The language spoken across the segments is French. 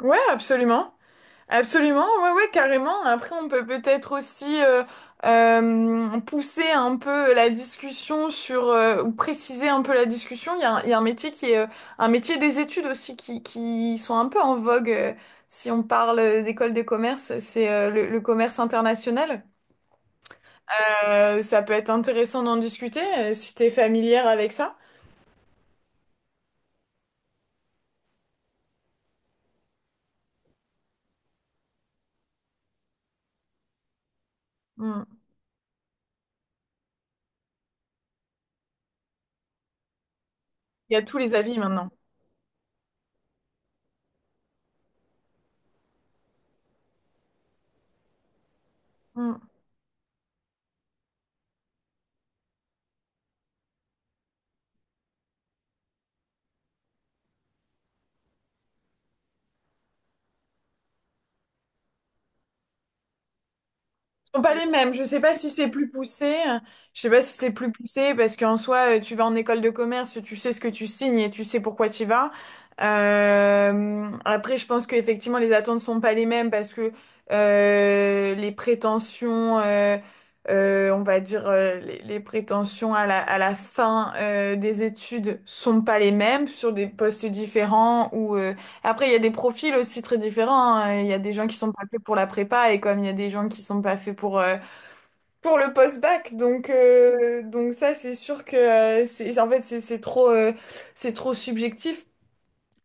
Ouais, absolument. Absolument, ouais, ouais, carrément. Après, on peut peut-être aussi pousser un peu la discussion sur, ou préciser un peu la discussion. Il y a un métier qui est, un métier des études aussi qui sont un peu en vogue. Si on parle d'école de commerce, c'est le commerce international. Ça peut être intéressant d'en discuter si t'es familière avec ça. Mm. Il y a tous les avis maintenant. Mm. Sont pas les mêmes. Je sais pas si c'est plus poussé. Je sais pas si c'est plus poussé parce qu'en soi, tu vas en école de commerce, tu sais ce que tu signes et tu sais pourquoi tu y vas. Après, je pense qu'effectivement, les attentes sont pas les mêmes parce que les prétentions, on va dire, les prétentions à la fin des études sont pas les mêmes sur des postes différents ou après, il y a des profils aussi très différents, hein. Il y a des gens qui sont pas faits pour la prépa et comme il y a des gens qui sont pas faits pour le post-bac. Donc ça, c'est sûr que c'est trop c'est trop subjectif.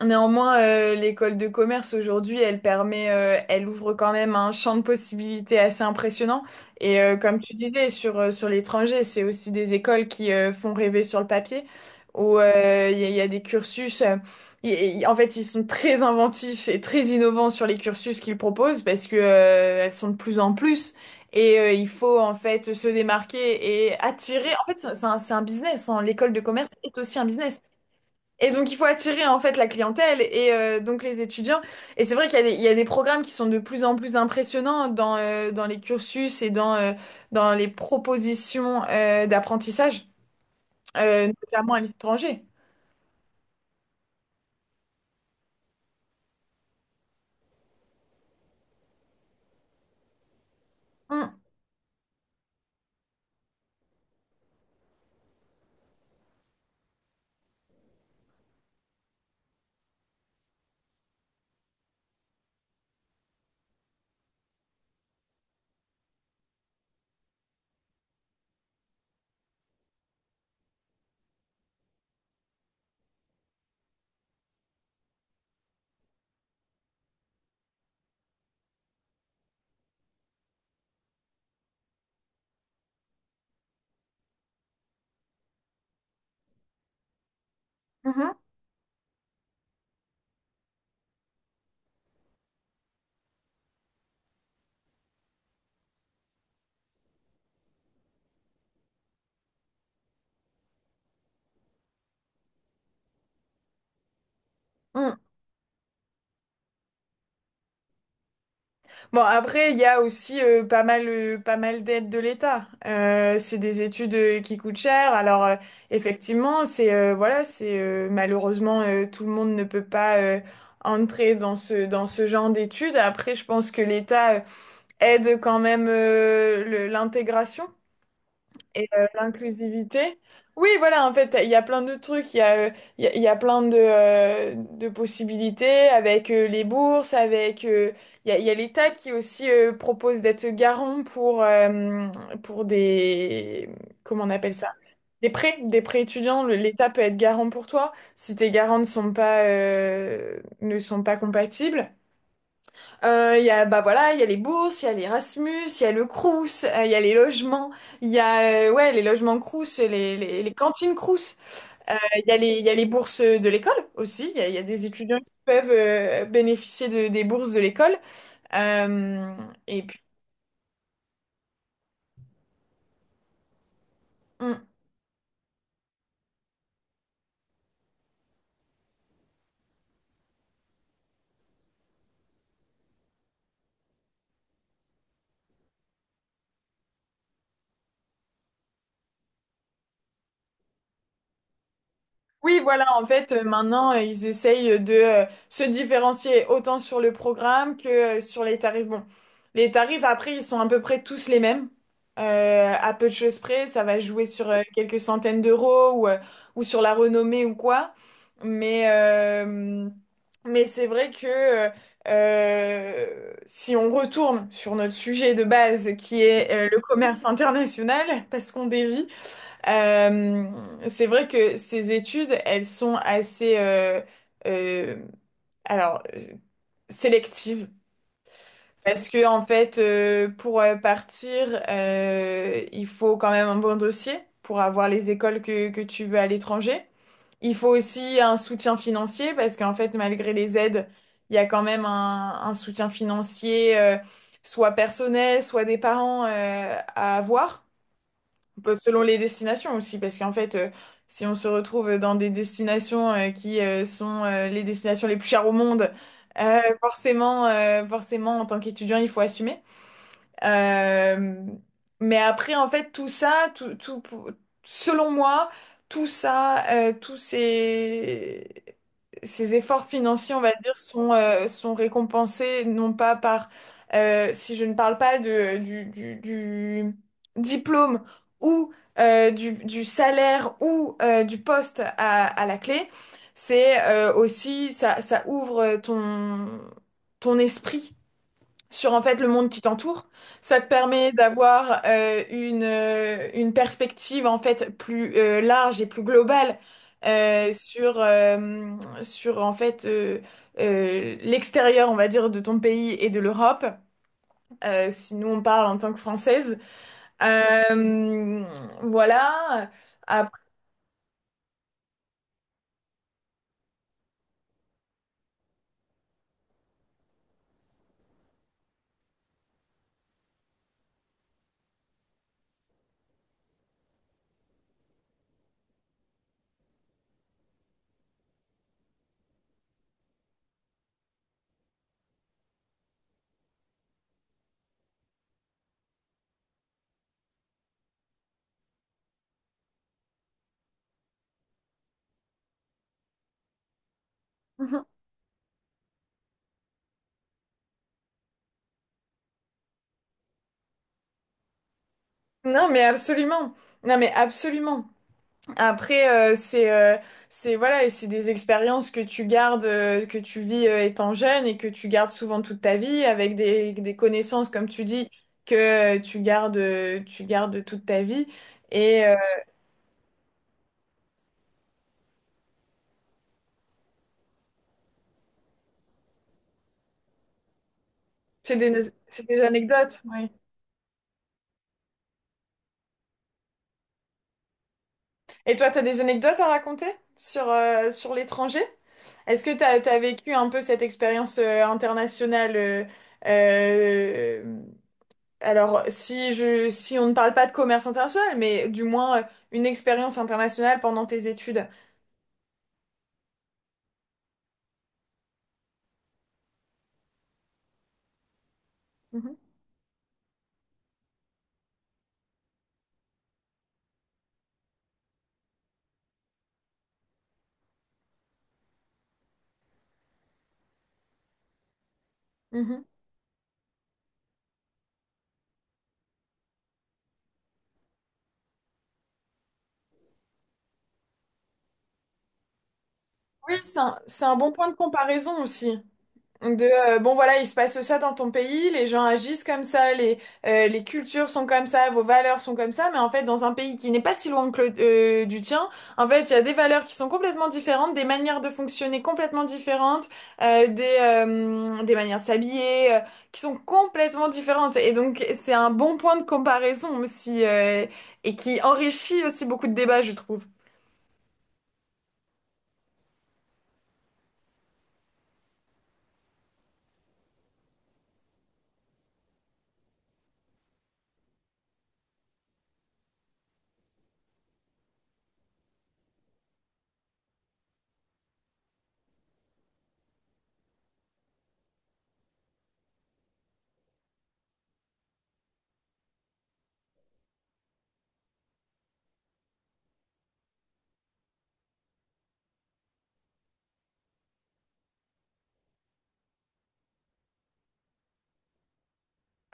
Néanmoins, l'école de commerce aujourd'hui, elle permet, elle ouvre quand même un champ de possibilités assez impressionnant. Et comme tu disais, sur, sur l'étranger, c'est aussi des écoles qui font rêver sur le papier, où il y a des cursus. En fait, ils sont très inventifs et très innovants sur les cursus qu'ils proposent parce que elles sont de plus en plus. Et il faut en fait se démarquer et attirer. En fait, c'est un business, hein. L'école de commerce est aussi un business. Et donc, il faut attirer en fait la clientèle et donc les étudiants. Et c'est vrai qu'il y a des programmes qui sont de plus en plus impressionnants dans, dans les cursus et dans, dans les propositions d'apprentissage, notamment à l'étranger. Mm, mhm, mm. Bon, après, il y a aussi pas mal, pas mal d'aides de l'État. C'est des études qui coûtent cher. Alors, effectivement, c'est voilà, c'est malheureusement tout le monde ne peut pas entrer dans ce genre d'études. Après, je pense que l'État aide quand même l'intégration. Et l'inclusivité. Oui, voilà, en fait, il y a plein de trucs, il y a plein de possibilités avec les bourses, il y a l'État qui aussi propose d'être garant pour des... Comment on appelle ça? Des prêts étudiants. L'État peut être garant pour toi si tes garants ne sont pas, ne sont pas compatibles. Il y a, bah voilà, il y a les bourses, il y a l'Erasmus, il y a le Crous, il y a les logements, il y a ouais, les logements Crous, les cantines Crous. Il y a les bourses de l'école aussi, il y a des étudiants qui peuvent bénéficier de, des bourses de l'école. Euh, et puis, mm, oui, voilà, en fait, maintenant, ils essayent de se différencier autant sur le programme que sur les tarifs. Bon, les tarifs, après, ils sont à peu près tous les mêmes, à peu de choses près. Ça va jouer sur quelques centaines d'euros ou sur la renommée ou quoi. Mais, euh, mais c'est vrai que si on retourne sur notre sujet de base, qui est le commerce international, parce qu'on dévie, euh, c'est vrai que ces études, elles sont assez, euh, alors, euh, sélectives. Parce que, en fait, pour partir, il faut quand même un bon dossier pour avoir les écoles que tu veux à l'étranger. Il faut aussi un soutien financier parce qu'en fait, malgré les aides, il y a quand même un soutien financier, soit personnel, soit des parents, à avoir. Bah, selon les destinations aussi, parce qu'en fait, si on se retrouve dans des destinations qui sont les destinations les plus chères au monde, forcément, en tant qu'étudiant, il faut assumer. Euh, mais après, en fait, tout ça, tout, tout, selon moi, tout ça, ces efforts financiers, on va dire, sont, sont récompensés, non pas par, si je ne parle pas du diplôme ou du salaire ou du poste à la clé, c'est aussi, ça ouvre ton esprit sur en fait le monde qui t'entoure. Ça te permet d'avoir une perspective en fait plus large et plus globale euh, sur, euh, sur en fait l'extérieur, on va dire, de ton pays et de l'Europe. Si nous on parle en tant que Française. Euh, voilà. Après- Non mais absolument. Non mais absolument. Après, c'est voilà, et c'est des expériences que tu gardes, que tu vis étant jeune et que tu gardes souvent toute ta vie avec des connaissances, comme tu dis, que tu gardes toute ta vie. Et c'est des, c'est des anecdotes, oui. Et toi, tu as des anecdotes à raconter sur, sur l'étranger? Est-ce que tu as vécu un peu cette expérience internationale euh, alors, si je, si on ne parle pas de commerce international, mais du moins une expérience internationale pendant tes études. Mhm. Mhm. Oui, c'est un bon point de comparaison aussi. De, bon voilà, il se passe ça dans ton pays, les gens agissent comme ça, les cultures sont comme ça, vos valeurs sont comme ça, mais en fait dans un pays qui n'est pas si loin que du tien, en fait il y a des valeurs qui sont complètement différentes, des manières de fonctionner complètement différentes, des manières de s'habiller qui sont complètement différentes. Et donc c'est un bon point de comparaison aussi et qui enrichit aussi beaucoup de débats, je trouve.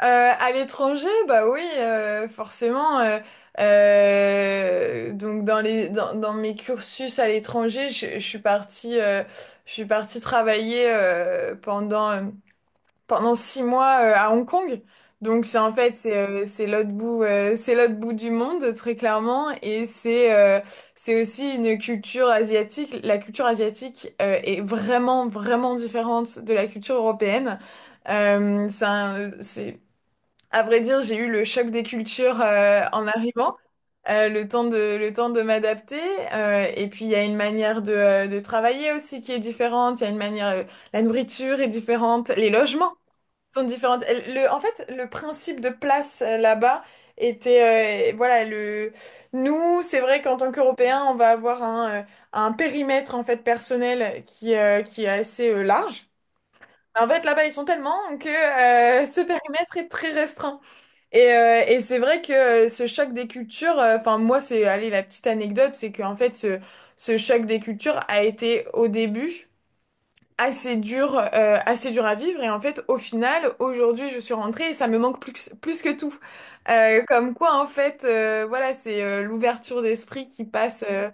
À l'étranger, bah oui, forcément. Donc dans dans mes cursus à l'étranger, je suis partie travailler pendant 6 mois à Hong Kong. Donc c'est l'autre bout du monde très clairement et c'est aussi une culture asiatique. La culture asiatique est vraiment vraiment différente de la culture européenne. C'est à vrai dire, j'ai eu le choc des cultures en arrivant, le temps de m'adapter. Et puis, il y a une manière de travailler aussi qui est différente. Il y a une manière, la nourriture est différente, les logements sont différents. Le, en fait, le principe de place là-bas était, voilà, nous, c'est vrai qu'en tant qu'Européens, on va avoir un périmètre en fait personnel qui est assez large. En fait, là-bas, ils sont tellement que ce périmètre est très restreint. Et c'est vrai que ce choc des cultures, enfin moi c'est, allez la petite anecdote, c'est qu'en fait ce choc des cultures a été au début assez dur à vivre et en fait au final aujourd'hui je suis rentrée et ça me manque plus, plus que tout. Comme quoi en fait voilà c'est l'ouverture d'esprit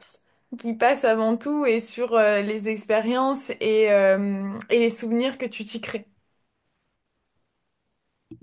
qui passe avant tout et sur les expériences et les souvenirs que tu t'y crées.